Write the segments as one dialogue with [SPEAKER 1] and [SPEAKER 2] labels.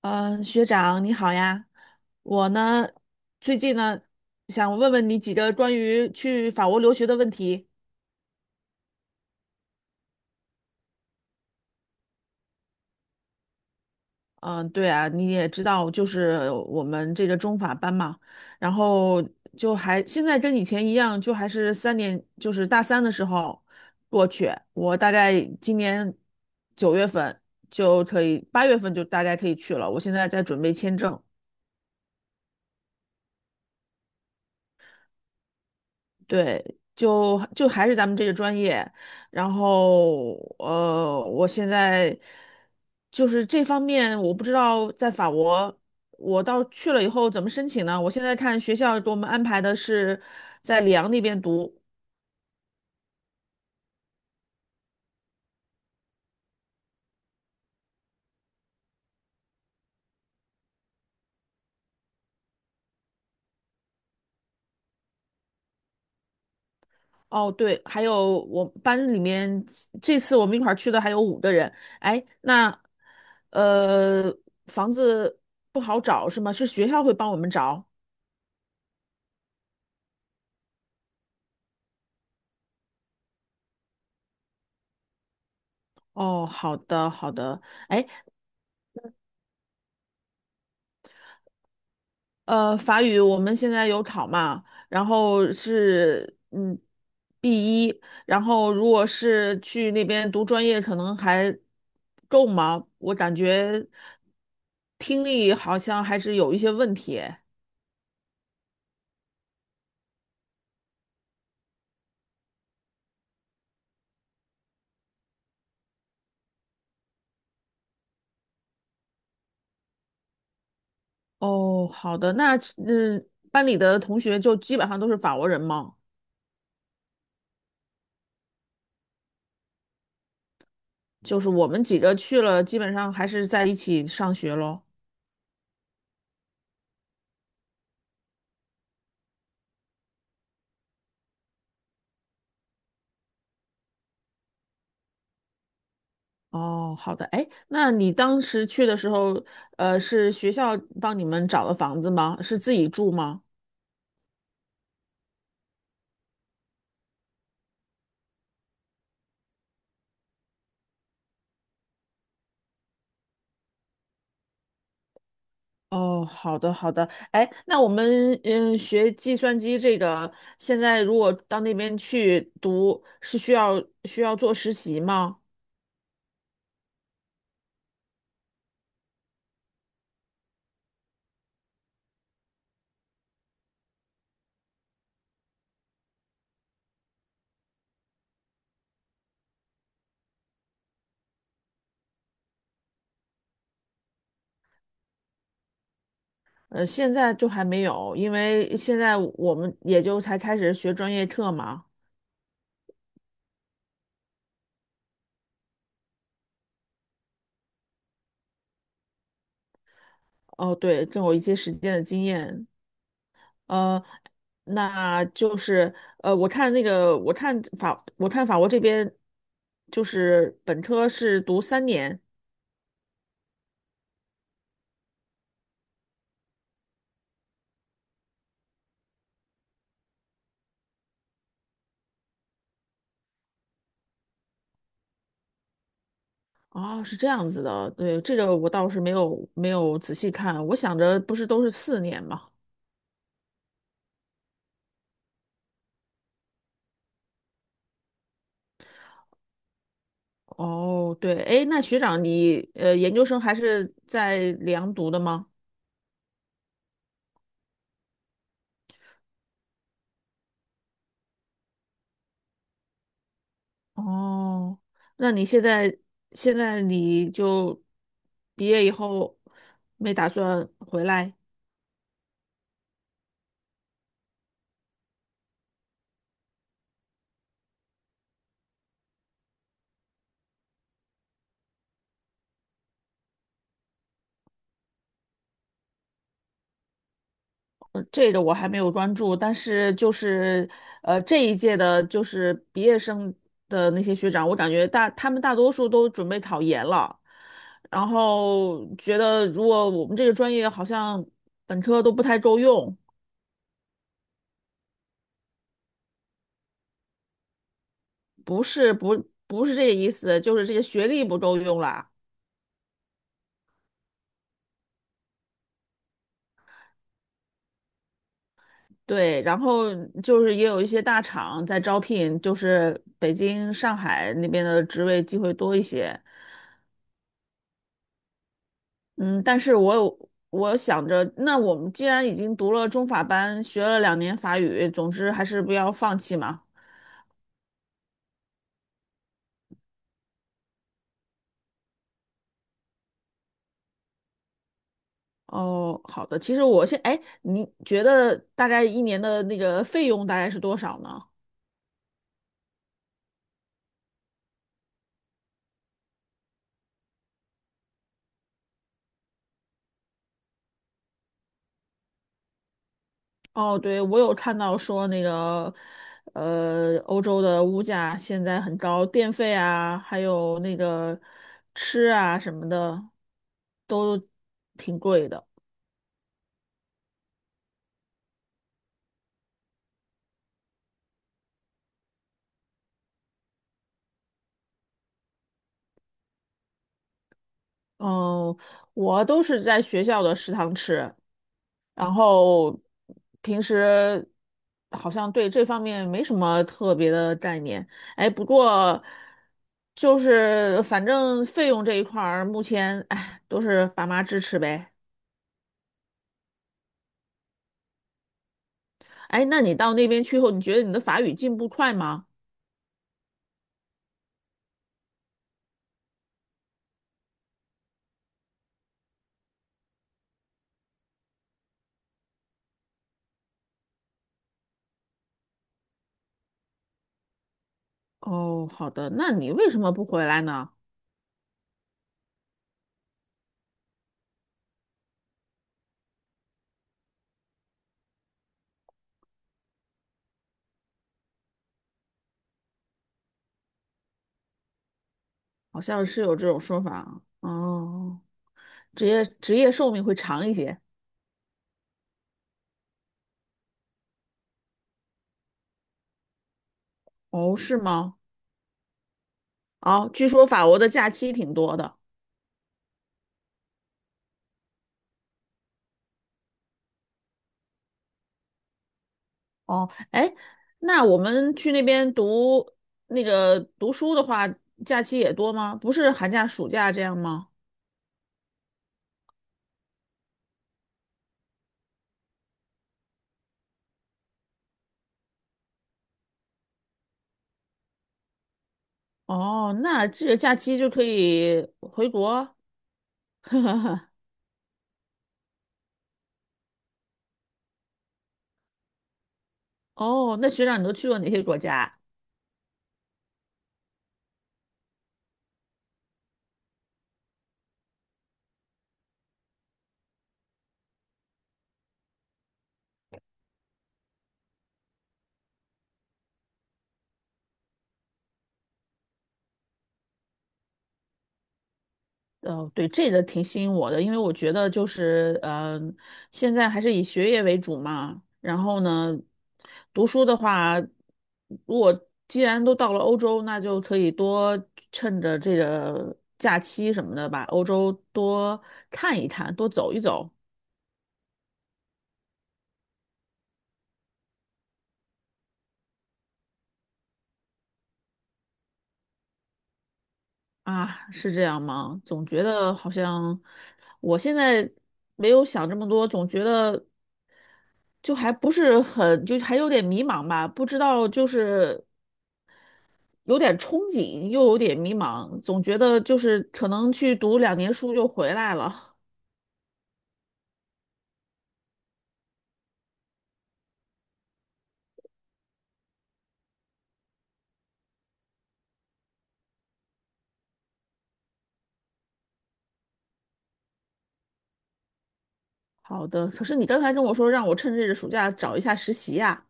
[SPEAKER 1] 嗯，学长你好呀，我呢最近呢想问问你几个关于去法国留学的问题。嗯，对啊，你也知道，就是我们这个中法班嘛，然后就还现在跟以前一样，就还是三年，就是大三的时候过去。我大概今年9月份就可以，8月份就大概可以去了。我现在在准备签证。对，就还是咱们这个专业，然后我现在就是这方面，我不知道在法国，我到去了以后怎么申请呢？我现在看学校给我们安排的是在里昂那边读。哦，对，还有我班里面这次我们一块儿去的还有五个人。哎，那呃，房子不好找是吗？是学校会帮我们找？哦，好的，好的。哎。法语我们现在有考嘛，然后是B1，然后如果是去那边读专业，可能还够吗？我感觉听力好像还是有一些问题诶。哦，好的，那嗯，班里的同学就基本上都是法国人嘛，就是我们几个去了，基本上还是在一起上学咯。哦，好的，哎，那你当时去的时候，是学校帮你们找的房子吗？是自己住吗？哦，好的，好的，哎，那我们学计算机这个，现在如果到那边去读，是需要做实习吗？现在就还没有，因为现在我们也就才开始学专业课嘛。哦，对，更有一些实践的经验。呃，那就是我看那个，我看法，我看法国这边就是本科是读三年。啊，是这样子的。对，这个我倒是没有仔细看，我想着不是都是四年嘛。哦，对，哎，那学长你研究生还是在里昂读的吗？哦，那你现在你就毕业以后没打算回来？这个我还没有关注，但是就是这一届的，就是毕业生的那些学长，我感觉他们大多数都准备考研了，然后觉得如果我们这个专业好像本科都不太够用，不是不不是这个意思，就是这些学历不够用啦。对，然后就是也有一些大厂在招聘，就是北京、上海那边的职位机会多一些。嗯，但是我想着，那我们既然已经读了中法班，学了两年法语，总之还是不要放弃嘛。哦，好的。其实哎，你觉得大概一年的那个费用大概是多少呢？哦，对，我有看到说那个，欧洲的物价现在很高，电费啊，还有那个吃啊什么的，都挺贵的。嗯，我都是在学校的食堂吃。然后平时好像对这方面没什么特别的概念。哎，不过就是反正费用这一块儿，目前哎都是爸妈支持呗。哎，那你到那边去后，你觉得你的法语进步快吗？哦，好的，那你为什么不回来呢？好像是有这种说法啊。哦，职业寿命会长一些。哦，是吗？哦，据说法国的假期挺多的。哦，哎，那我们去那边读读书的话，假期也多吗？不是寒假、暑假这样吗？哦，那这个假期就可以回国。哦，那学长，你都去过哪些国家啊？对，这个挺吸引我的，因为我觉得就是，现在还是以学业为主嘛。然后呢，读书的话，如果既然都到了欧洲，那就可以多趁着这个假期什么的，把欧洲多看一看，多走一走啊，是这样吗？总觉得好像我现在没有想这么多，总觉得就还不是很，就还有点迷茫吧，不知道就是。有点憧憬，又有点迷茫，总觉得就是可能去读两年书就回来了。好的，可是你刚才跟我说让我趁这个暑假找一下实习呀、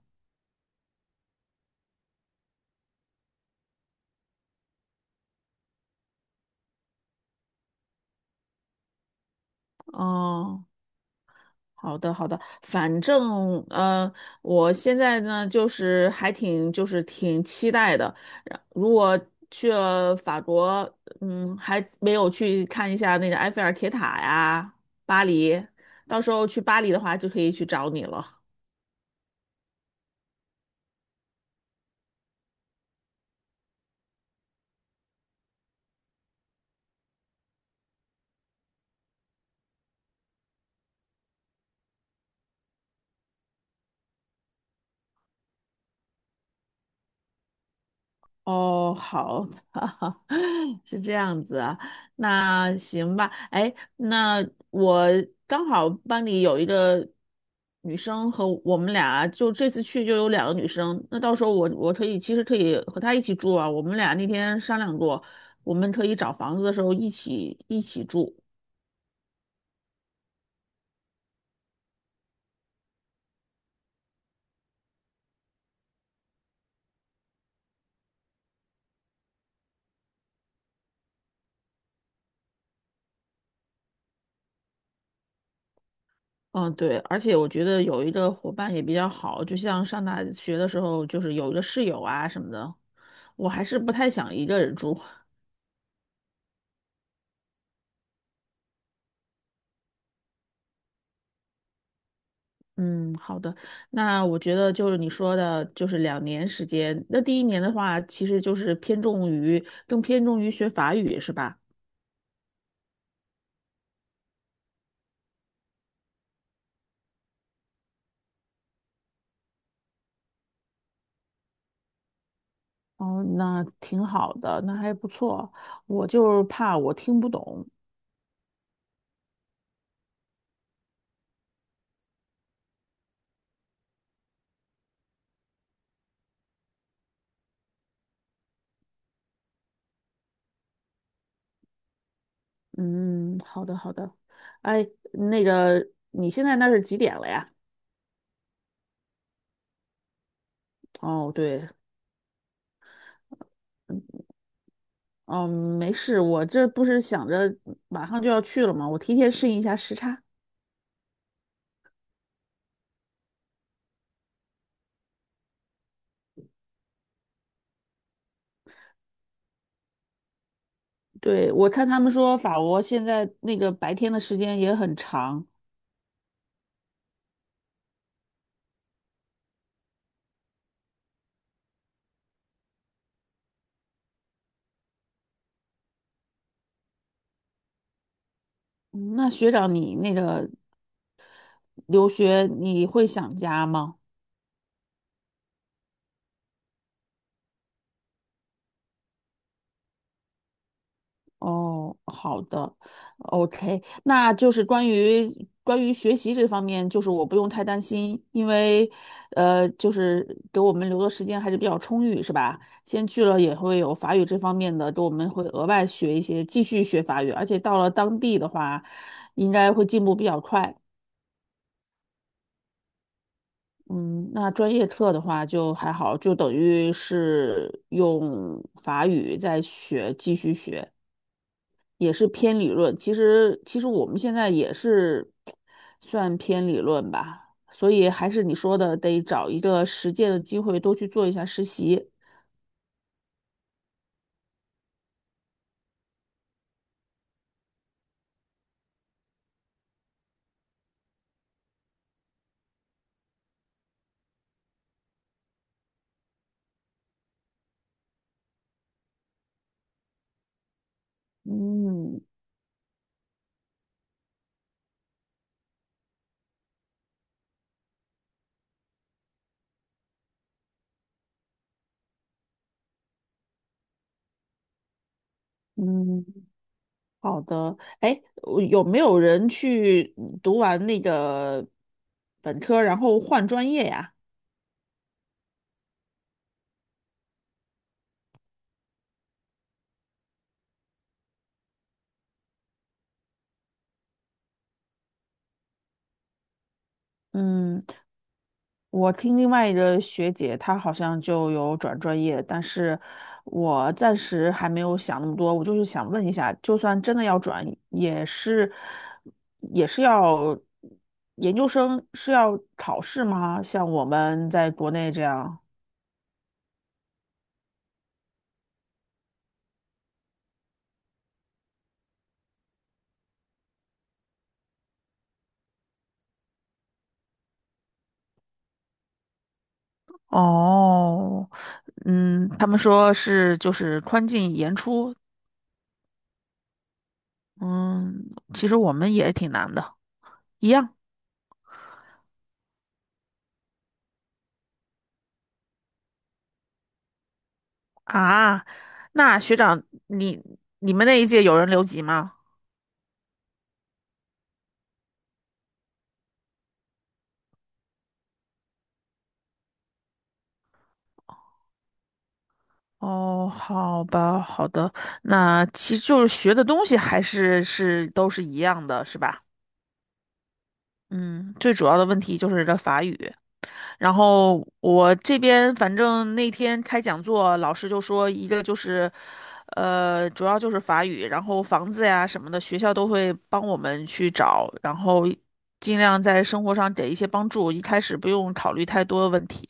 [SPEAKER 1] 哦，好的好的，反正我现在呢就是还挺就是挺期待的。然如果去了法国，还没有去看一下那个埃菲尔铁塔呀，巴黎，到时候去巴黎的话就可以去找你了。哦，好的，是这样子啊，那行吧。哎，那我刚好班里有一个女生和我们俩，就这次去就有2个女生，那到时候我可以和她一起住啊。我们俩那天商量过，我们可以找房子的时候一起住。嗯，对，而且我觉得有一个伙伴也比较好，就像上大学的时候，就是有一个室友啊什么的。我还是不太想一个人住。嗯，好的。那我觉得就是你说的，就是两年时间。那第一年的话，其实就是偏重于更偏重于学法语，是吧？哦，那挺好的，那还不错。我就是怕我听不懂。嗯，好的，好的。哎，那个，你现在那是几点了呀？哦，对，嗯，没事，我这不是想着马上就要去了嘛，我提前适应一下时差。对，我看他们说法国现在那个白天的时间也很长。嗯，那学长，你那个留学你会想家吗？哦，好的，OK，那就是关于学习这方面，就是我不用太担心，因为就是给我们留的时间还是比较充裕，是吧？先去了也会有法语这方面的，给我们会额外学一些，继续学法语，而且到了当地的话，应该会进步比较快。嗯，那专业课的话就还好，就等于是用法语在学，继续学，也是偏理论。其实我们现在也是算偏理论吧，所以还是你说的，得找一个实践的机会，多去做一下实习。嗯嗯，好的。哎，我有没有人去读完那个本科，然后换专业呀？嗯。我听另外一个学姐，她好像就有转专业，但是我暂时还没有想那么多。我就是想问一下，就算真的要转，也是要研究生是要考试吗？像我们在国内这样？哦，嗯，他们说是就是宽进严出，嗯，其实我们也挺难的，一样啊。那学长，你你们那一届有人留级吗？哦，好吧，好的，那其实就是学的东西还是都是一样的，是吧？嗯，最主要的问题就是这法语。然后我这边反正那天开讲座，老师就说一个就是，主要就是法语，然后房子呀什么的，学校都会帮我们去找，然后尽量在生活上给一些帮助，一开始不用考虑太多的问题。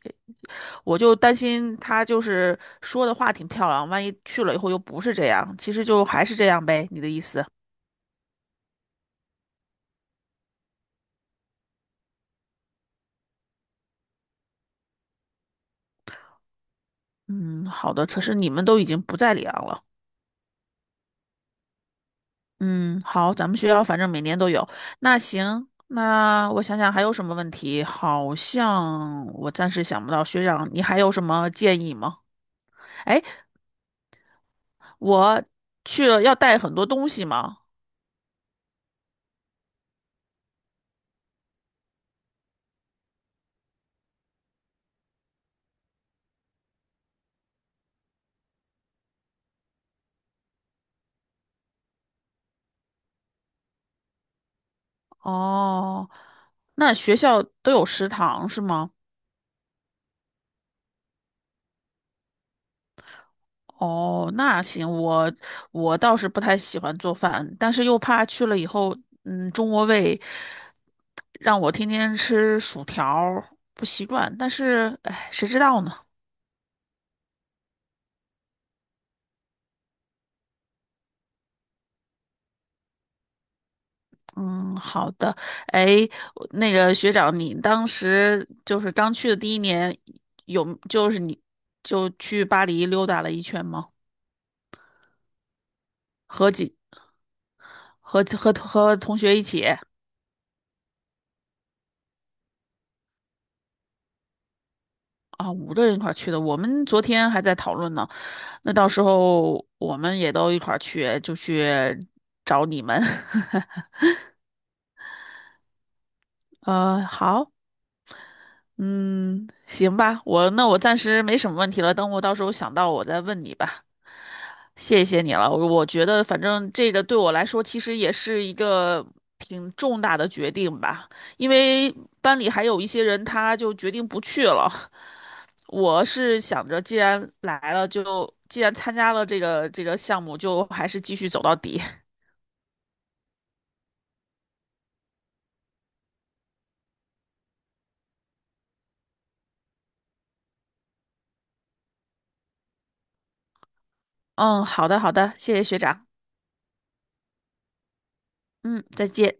[SPEAKER 1] 我就担心他就是说的话挺漂亮，万一去了以后又不是这样，其实就还是这样呗，你的意思？嗯，好的。可是你们都已经不在里昂了。嗯，好，咱们学校反正每年都有。那行，那我想想还有什么问题？好像我暂时想不到。学长，你还有什么建议吗？哎，我去了要带很多东西吗？哦，那学校都有食堂是吗？哦，那行，我倒是不太喜欢做饭，但是又怕去了以后，中国胃让我天天吃薯条儿不习惯。但是，哎，谁知道呢？嗯，好的。哎，我那个学长，你当时就是刚去的第一年，有就是你就去巴黎溜达了一圈吗？和几和和和同学一起啊，五个人一块儿去的。我们昨天还在讨论呢。那到时候我们也都一块儿去，就去找你们。好，嗯，行吧，那我暂时没什么问题了，等我到时候想到我再问你吧。谢谢你了，我觉得反正这个对我来说其实也是一个挺重大的决定吧，因为班里还有一些人他就决定不去了。我是想着既然来了就，既然参加了这个项目，就还是继续走到底。嗯，好的，好的，谢谢学长。嗯，再见。